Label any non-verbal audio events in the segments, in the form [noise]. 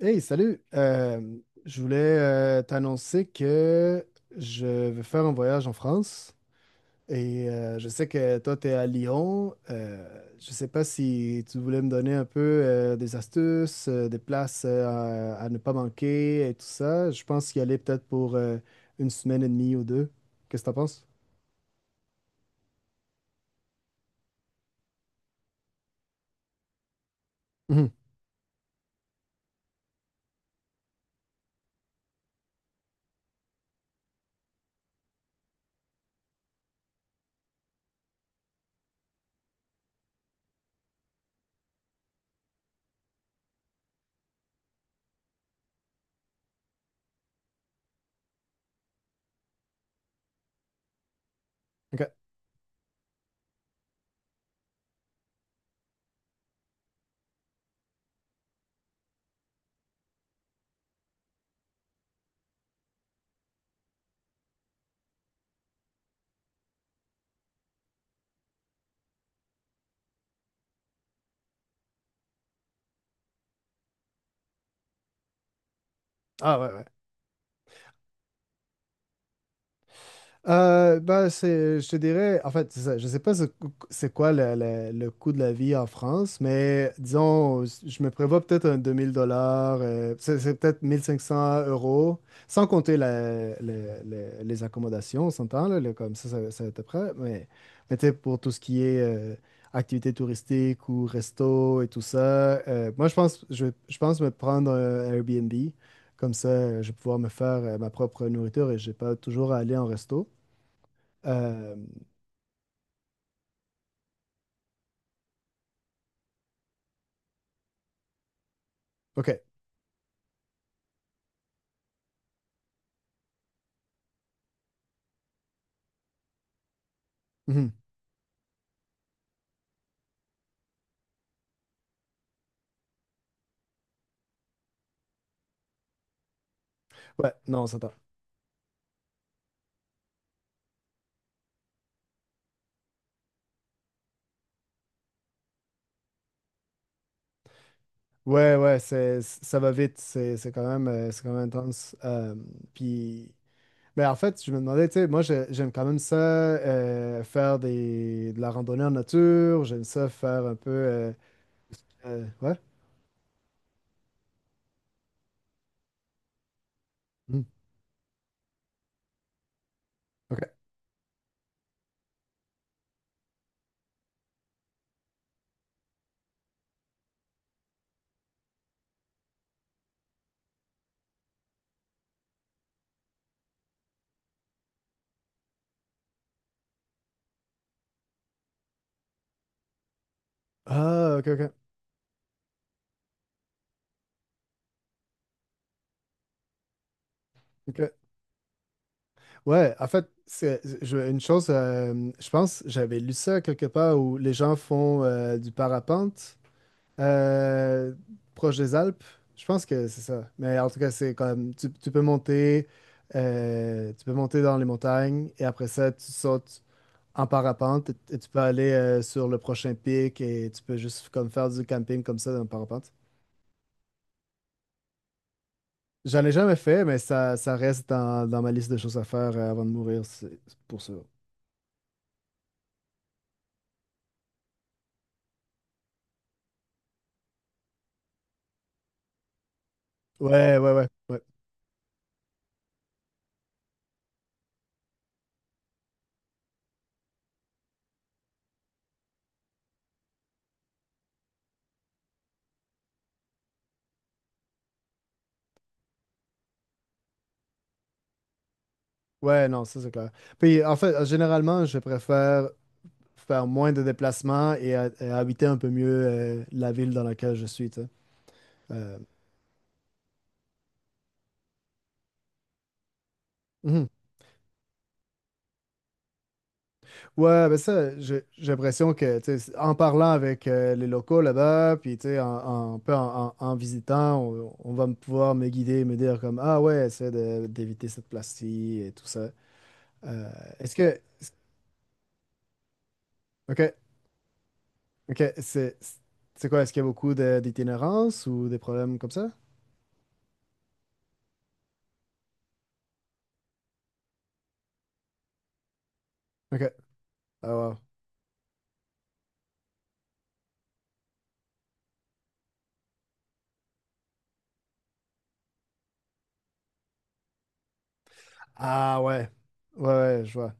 Hey, salut! Je voulais t'annoncer que je vais faire un voyage en France et je sais que toi, tu es à Lyon. Je sais pas si tu voulais me donner un peu des astuces, des places à ne pas manquer et tout ça. Je pense y aller peut-être pour une semaine et demie ou deux. Qu'est-ce que t'en penses? Mhm. OK. Ah ouais, ouais. Je te dirais, en fait, c'est ça. Je sais pas c'est quoi le coût de la vie en France, mais disons, je me prévois peut-être un 2 000 dollars, c'est peut-être 1 500 euros, sans compter les accommodations, on s'entend, comme ça va être prêt, mais tu sais, pour tout ce qui est activités touristiques ou resto et tout ça, moi, je pense, je pense me prendre un Airbnb, comme ça, je vais pouvoir me faire ma propre nourriture et j'ai pas toujours à aller en resto. Euh, ok. Mhm. Ouais, non, ça t'a. Ouais, ouais, ça va vite. C'est quand même, c'est quand même intense. Puis, ben en fait, je me demandais, tu sais, moi, j'aime quand même ça, faire de la randonnée en nature. J'aime ça faire un peu. Ouais. Mhm. Ok. Ah, ok, ok. Ok. Ouais, en fait, une chose, je pense, j'avais lu ça quelque part où les gens font du parapente. Euh, proche des Alpes, je pense que c'est ça. Mais en tout cas, c'est comme tu peux monter dans les montagnes et après ça, tu sautes en parapente et tu peux aller sur le prochain pic et tu peux juste comme faire du camping comme ça dans le parapente. J'en ai jamais fait, mais ça reste dans ma liste de choses à faire avant de mourir, c'est pour ça. Ouais, ouais, ouais, ouais. Ouais, non, ça c'est clair. Puis en fait, généralement, je préfère faire moins de déplacements et habiter un peu mieux la ville dans laquelle je suis, tu sais. Euh, mhm. Ouais, ben ça, j'ai l'impression que, tu sais, en parlant avec les locaux là-bas, puis, tu sais, un peu en visitant, on va me pouvoir me guider, me dire comme, ah ouais, d'éviter cette place-ci et tout ça. Euh, est-ce que... OK, OK, c'est... C'est quoi, est-ce qu'il y a beaucoup d'itinérance ou des problèmes comme ça? OK. Ah, wow. Ah ouais. Ouais, ouais, je vois.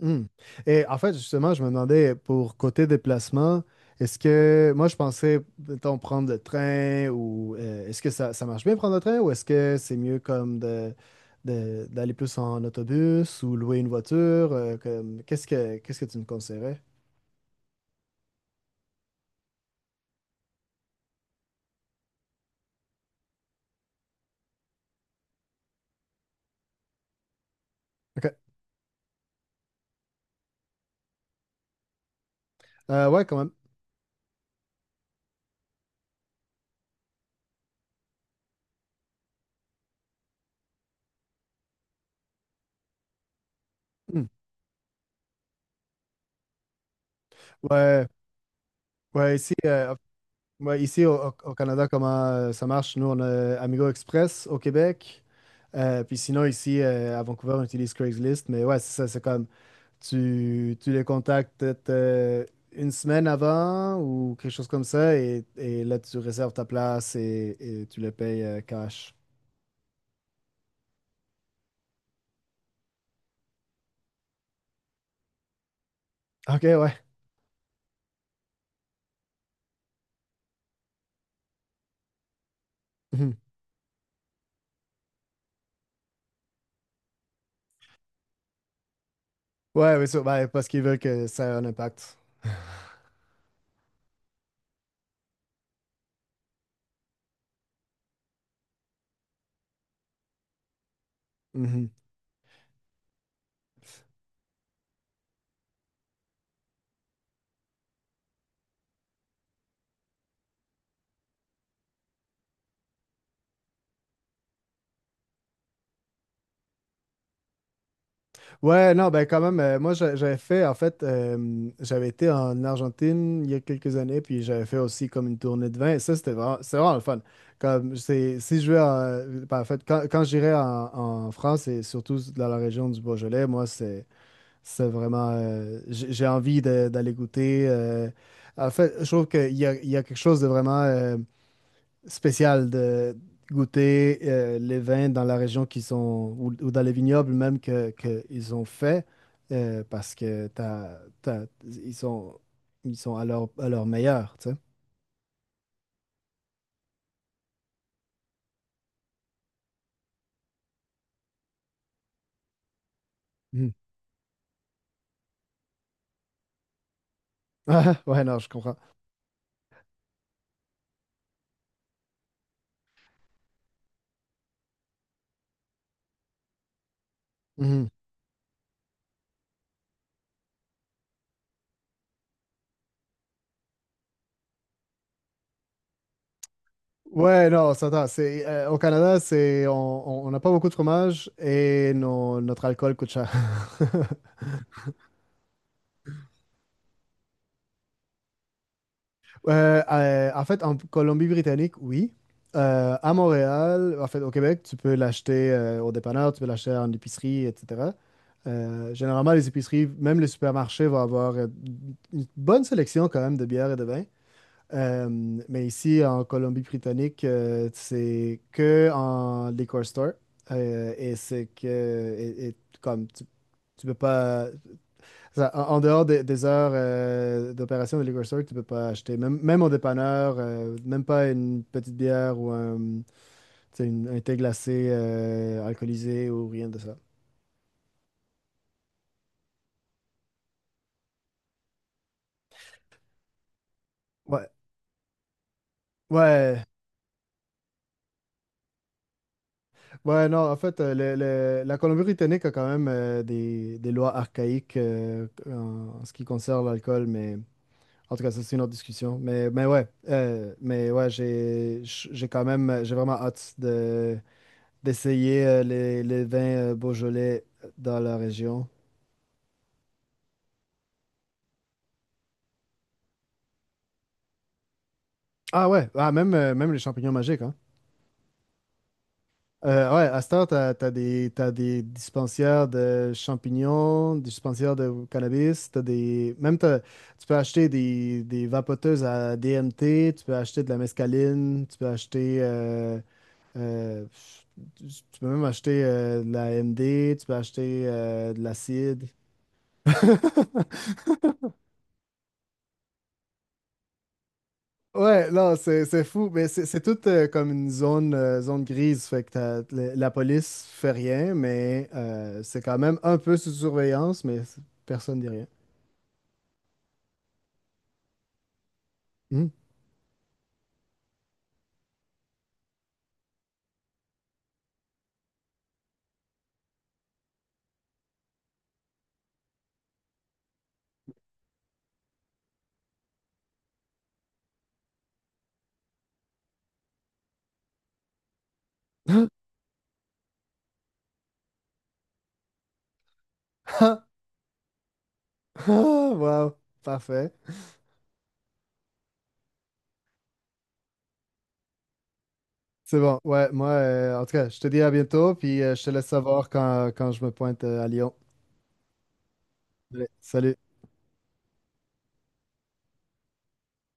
Hmm. Et en fait, justement, je me demandais pour côté déplacement, est-ce que moi je pensais, mettons, prendre le train ou est-ce que ça marche bien prendre le train ou est-ce que c'est mieux comme d'aller plus en autobus ou louer une voiture? Qu'est-ce que tu me conseillerais? OK. Ouais, quand même. Hmm. Ouais, ouais, ici, euh, ouais, ici au Canada, comment ça marche? Nous, on a Amigo Express au Québec. Puis sinon, ici, à Vancouver, on utilise Craigslist. Mais ouais, c'est ça, c'est comme tu les contactes peut-être une semaine avant ou quelque chose comme ça et là tu réserves ta place et tu les payes cash. Ok, ouais. [laughs] Mhm. Ouais, oui, sûr. Ben, parce qu'ils veulent que ça ait un impact. Mhm. Ouais, non, ben quand même, moi j'avais fait, en fait, j'avais été en Argentine il y a quelques années, puis j'avais fait aussi comme une tournée de vin, et ça c'est vraiment le fun. Si je vais en, ben, en fait, quand j'irai en France, et surtout dans la région du Beaujolais, moi c'est. C'est vraiment. J'ai envie d'aller goûter. En fait, je trouve qu'il y a quelque chose de vraiment spécial de goûter les vins dans la région qui sont, ou dans les vignobles même que ils ont fait, parce que ils sont à leur meilleur, tu sais. Mhm. [laughs] Ah, ouais, non, je comprends. Mhm. Ouais, non, ça va, c'est au Canada, c'est on n'a pas beaucoup de fromage et notre alcool coûte cher. [laughs] En fait, en Colombie-Britannique, oui. À Montréal, en fait, au Québec, tu peux l'acheter au dépanneur, tu peux l'acheter en épicerie, etc. Généralement, les épiceries, même les supermarchés vont avoir une bonne sélection quand même de bières et de vins. Euh, mais ici, en Colombie-Britannique, c'est que en liquor store. Et c'est que, et comme tu peux pas, ça, en, en dehors des heures d'opération de liquor store, tu peux pas acheter, même au dépanneur, même pas une petite bière ou tu sais, un thé glacé alcoolisé ou rien de ça. Ouais, ouais, ouais, non, en fait, la Colombie-Britannique a quand même des lois archaïques en ce qui concerne l'alcool, mais en tout cas, ça, c'est une autre discussion. J'ai quand même, j'ai vraiment hâte d'essayer les vins Beaujolais dans la région. Ah ouais, ah, même, même les champignons magiques, hein. Ouais, à Star, t'as des dispensaires de champignons, des dispensaires de cannabis, t'as des... Même tu peux acheter des vapoteuses à DMT, tu peux acheter de la mescaline, tu peux acheter... euh, tu tu peux même acheter de la MD, tu peux acheter de l'acide. [laughs] Ouais, non, c'est fou, mais c'est tout comme une zone, zone grise, fait que la police fait rien, mais c'est quand même un peu sous surveillance, mais personne dit rien. Hmm. [laughs] Ah, ah, Wow, parfait. C'est bon, ouais, moi, en tout cas, je te dis à bientôt, puis je te laisse savoir quand je me pointe à Lyon. Allez, salut.